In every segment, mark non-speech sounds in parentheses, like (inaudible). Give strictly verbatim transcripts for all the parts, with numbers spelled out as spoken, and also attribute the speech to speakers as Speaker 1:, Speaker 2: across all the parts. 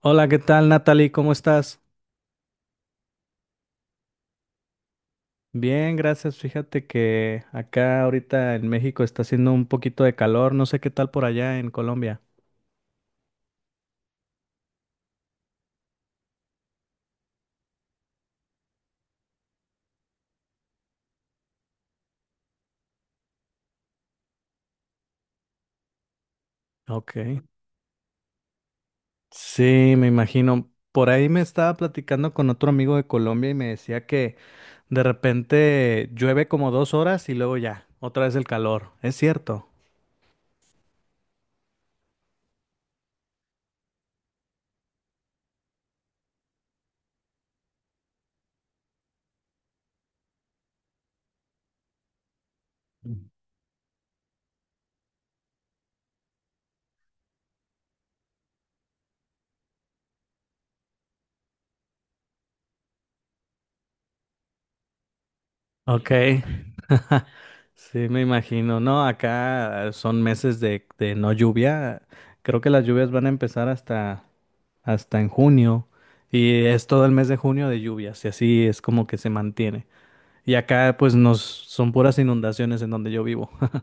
Speaker 1: Hola, ¿qué tal, Natalie? ¿Cómo estás? Bien, gracias. Fíjate que acá ahorita en México está haciendo un poquito de calor. No sé qué tal por allá en Colombia. Ok. Sí, me imagino. Por ahí me estaba platicando con otro amigo de Colombia y me decía que de repente llueve como dos horas y luego ya, otra vez el calor. ¿Es cierto? Ok. (laughs) Sí, me imagino. No, acá eh, son meses de, de no lluvia. Creo que las lluvias van a empezar hasta hasta en junio y es todo el mes de junio de lluvias y así es como que se mantiene. Y acá pues nos son puras inundaciones en donde yo vivo. (laughs)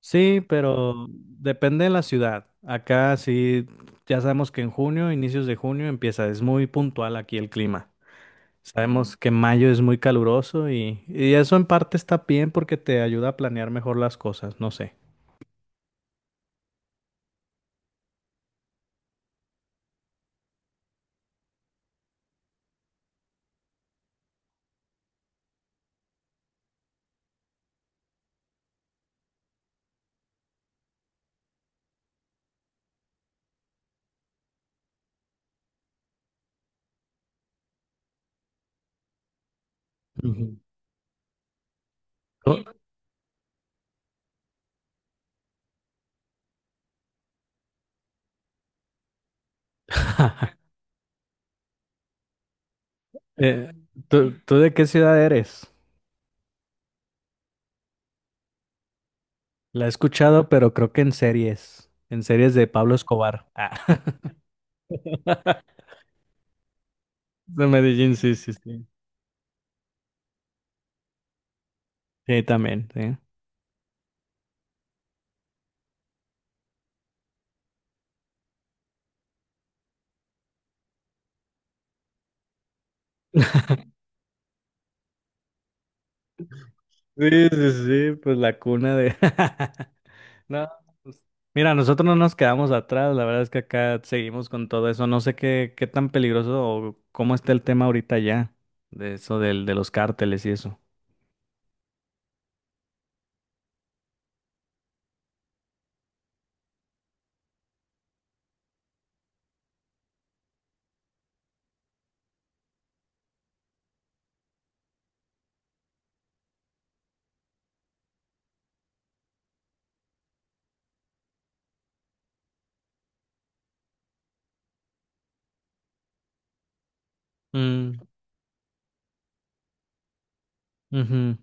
Speaker 1: Sí, pero depende de la ciudad. Acá sí, ya sabemos que en junio, inicios de junio empieza, es muy puntual aquí el clima. Sabemos que mayo es muy caluroso y, y eso en parte está bien porque te ayuda a planear mejor las cosas, no sé. Ujú. ¿Tú, (laughs) eh, ¿tú- tú de qué ciudad eres? La he escuchado, pero creo que en series, en series de Pablo Escobar. Ah, (laughs) de Medellín, sí, sí, sí. Sí, también, sí. Sí, sí, sí, pues la cuna de... (laughs) No, mira, nosotros no nos quedamos atrás, la verdad es que acá seguimos con todo eso. No sé qué, qué tan peligroso o cómo está el tema ahorita ya, de eso del, de los cárteles y eso. Mm, ujú,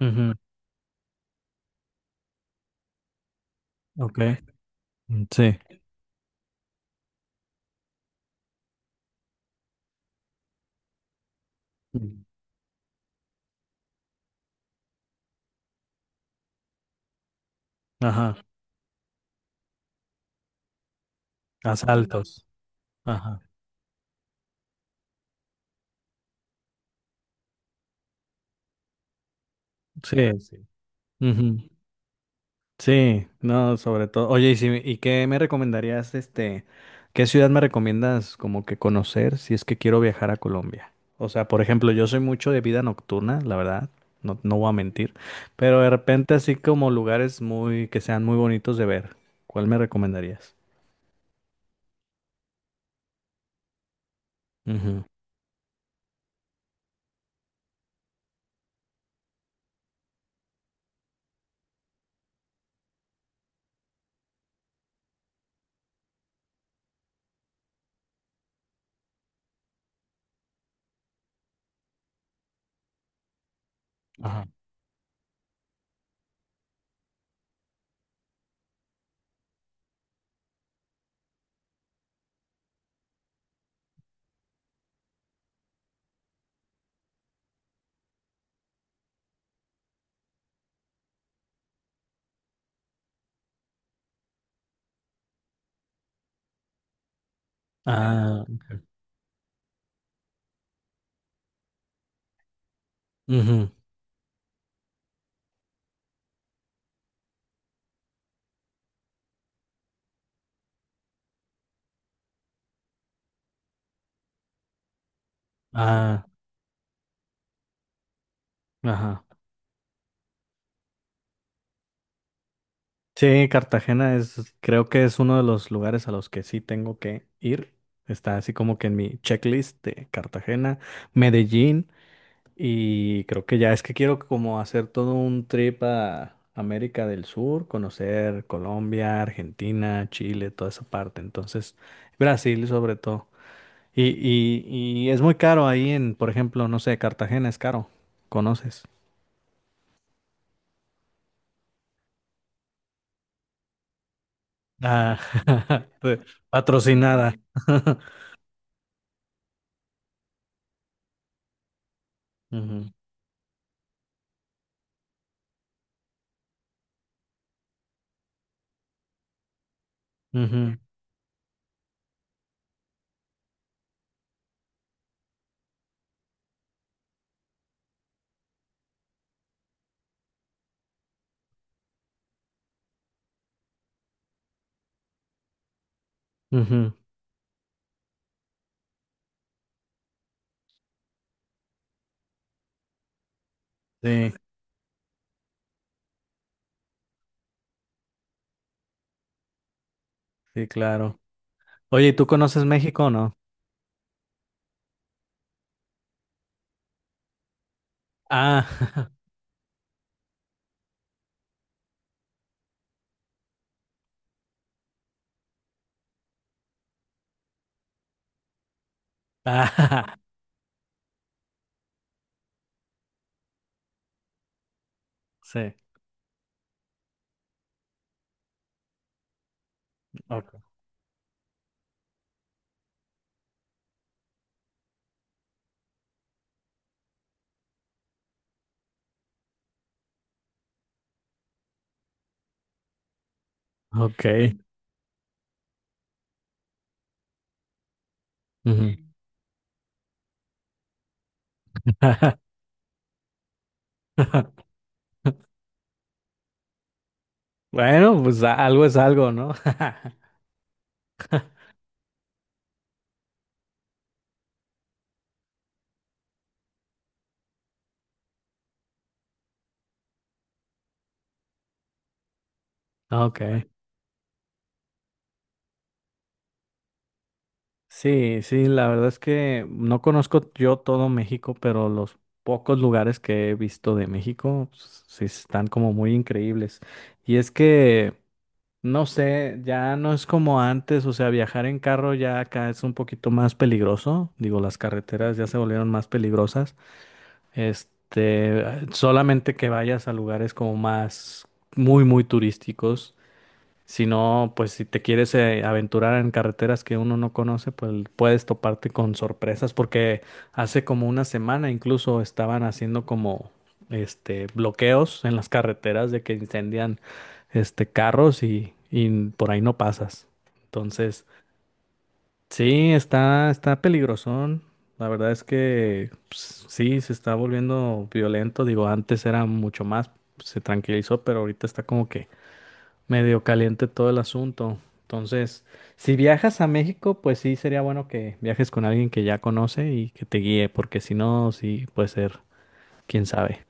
Speaker 1: ujú, ok, mm, sí. Mm, ajá, asaltos. Ajá, sí, sí. Sí, no, sobre todo. Oye, ¿y, si, y qué me recomendarías, este, qué ciudad me recomiendas como que conocer si es que quiero viajar a Colombia? O sea, por ejemplo, yo soy mucho de vida nocturna, la verdad, no, no voy a mentir, pero de repente así como lugares muy, que sean muy bonitos de ver, ¿cuál me recomendarías? Ujú. Ajá. Ah, ujú, ah, ajá. Sí, Cartagena es, creo que es uno de los lugares a los que sí tengo que ir. Está así como que en mi checklist de Cartagena, Medellín y creo que ya es que quiero como hacer todo un trip a América del Sur, conocer Colombia, Argentina, Chile, toda esa parte. Entonces, Brasil sobre todo. Y, y, y es muy caro ahí en, por ejemplo, no sé, Cartagena es caro. ¿Conoces? Ah, (laughs) patrocinada. (laughs) Ujú, ujú. Ujú, sí, sí, claro. Oye, ¿y ¿tú conoces México o no? Ah, (laughs) ah, sí. Ok. Ok. Ujú. (laughs) Bueno, pues a- algo es algo, ¿no? (laughs) Ok. Sí, sí, la verdad es que no conozco yo todo México, pero los pocos lugares que he visto de México, s- sí están como muy increíbles. Y es que no sé, ya no es como antes, o sea, viajar en carro ya acá es un poquito más peligroso, digo, las carreteras ya se volvieron más peligrosas, este, solamente que vayas a lugares como más muy, muy turísticos, si no, pues si te quieres eh, aventurar en carreteras que uno no conoce, pues puedes toparte con sorpresas, porque hace como una semana incluso estaban haciendo como este bloqueos en las carreteras de que incendian este carros y, y por ahí no pasas. Entonces, sí, está, está peligrosón. La verdad es que pues, sí, se está volviendo violento. Digo, antes era mucho más, se tranquilizó, pero ahorita está como que medio caliente todo el asunto. Entonces, si viajas a México, pues sí sería bueno que viajes con alguien que ya conoce y que te guíe, porque si no, sí puede ser, quién sabe.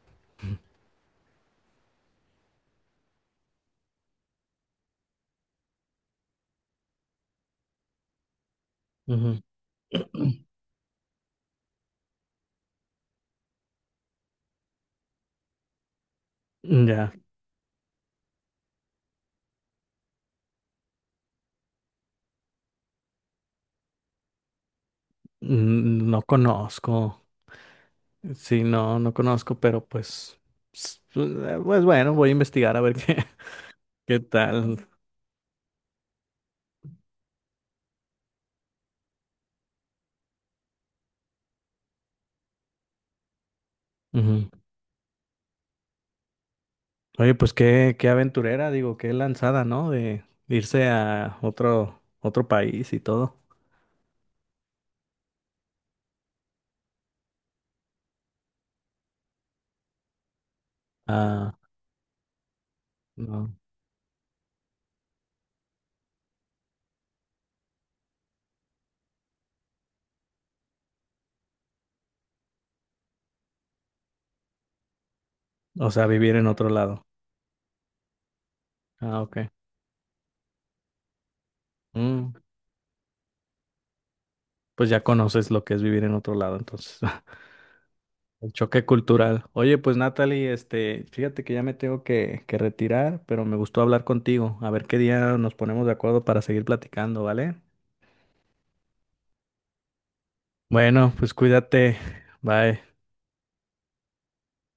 Speaker 1: Ujú. Ya, mm, no conozco. Sí, no, no conozco, pero pues, s- pues bueno, voy a investigar a ver qué, (laughs) qué tal. Ujú. Oye, pues qué, qué aventurera, digo, qué lanzada, ¿no? De irse a otro, otro país y todo. Ah, no. O sea, vivir en otro lado. Ah, ok. Mm, pues ya conoces lo que es vivir en otro lado, entonces. (laughs) El choque cultural. Oye, pues Natalie, este, fíjate que ya me tengo que, que retirar, pero me gustó hablar contigo. A ver qué día nos ponemos de acuerdo para seguir platicando, ¿vale? Bueno, pues cuídate. Bye.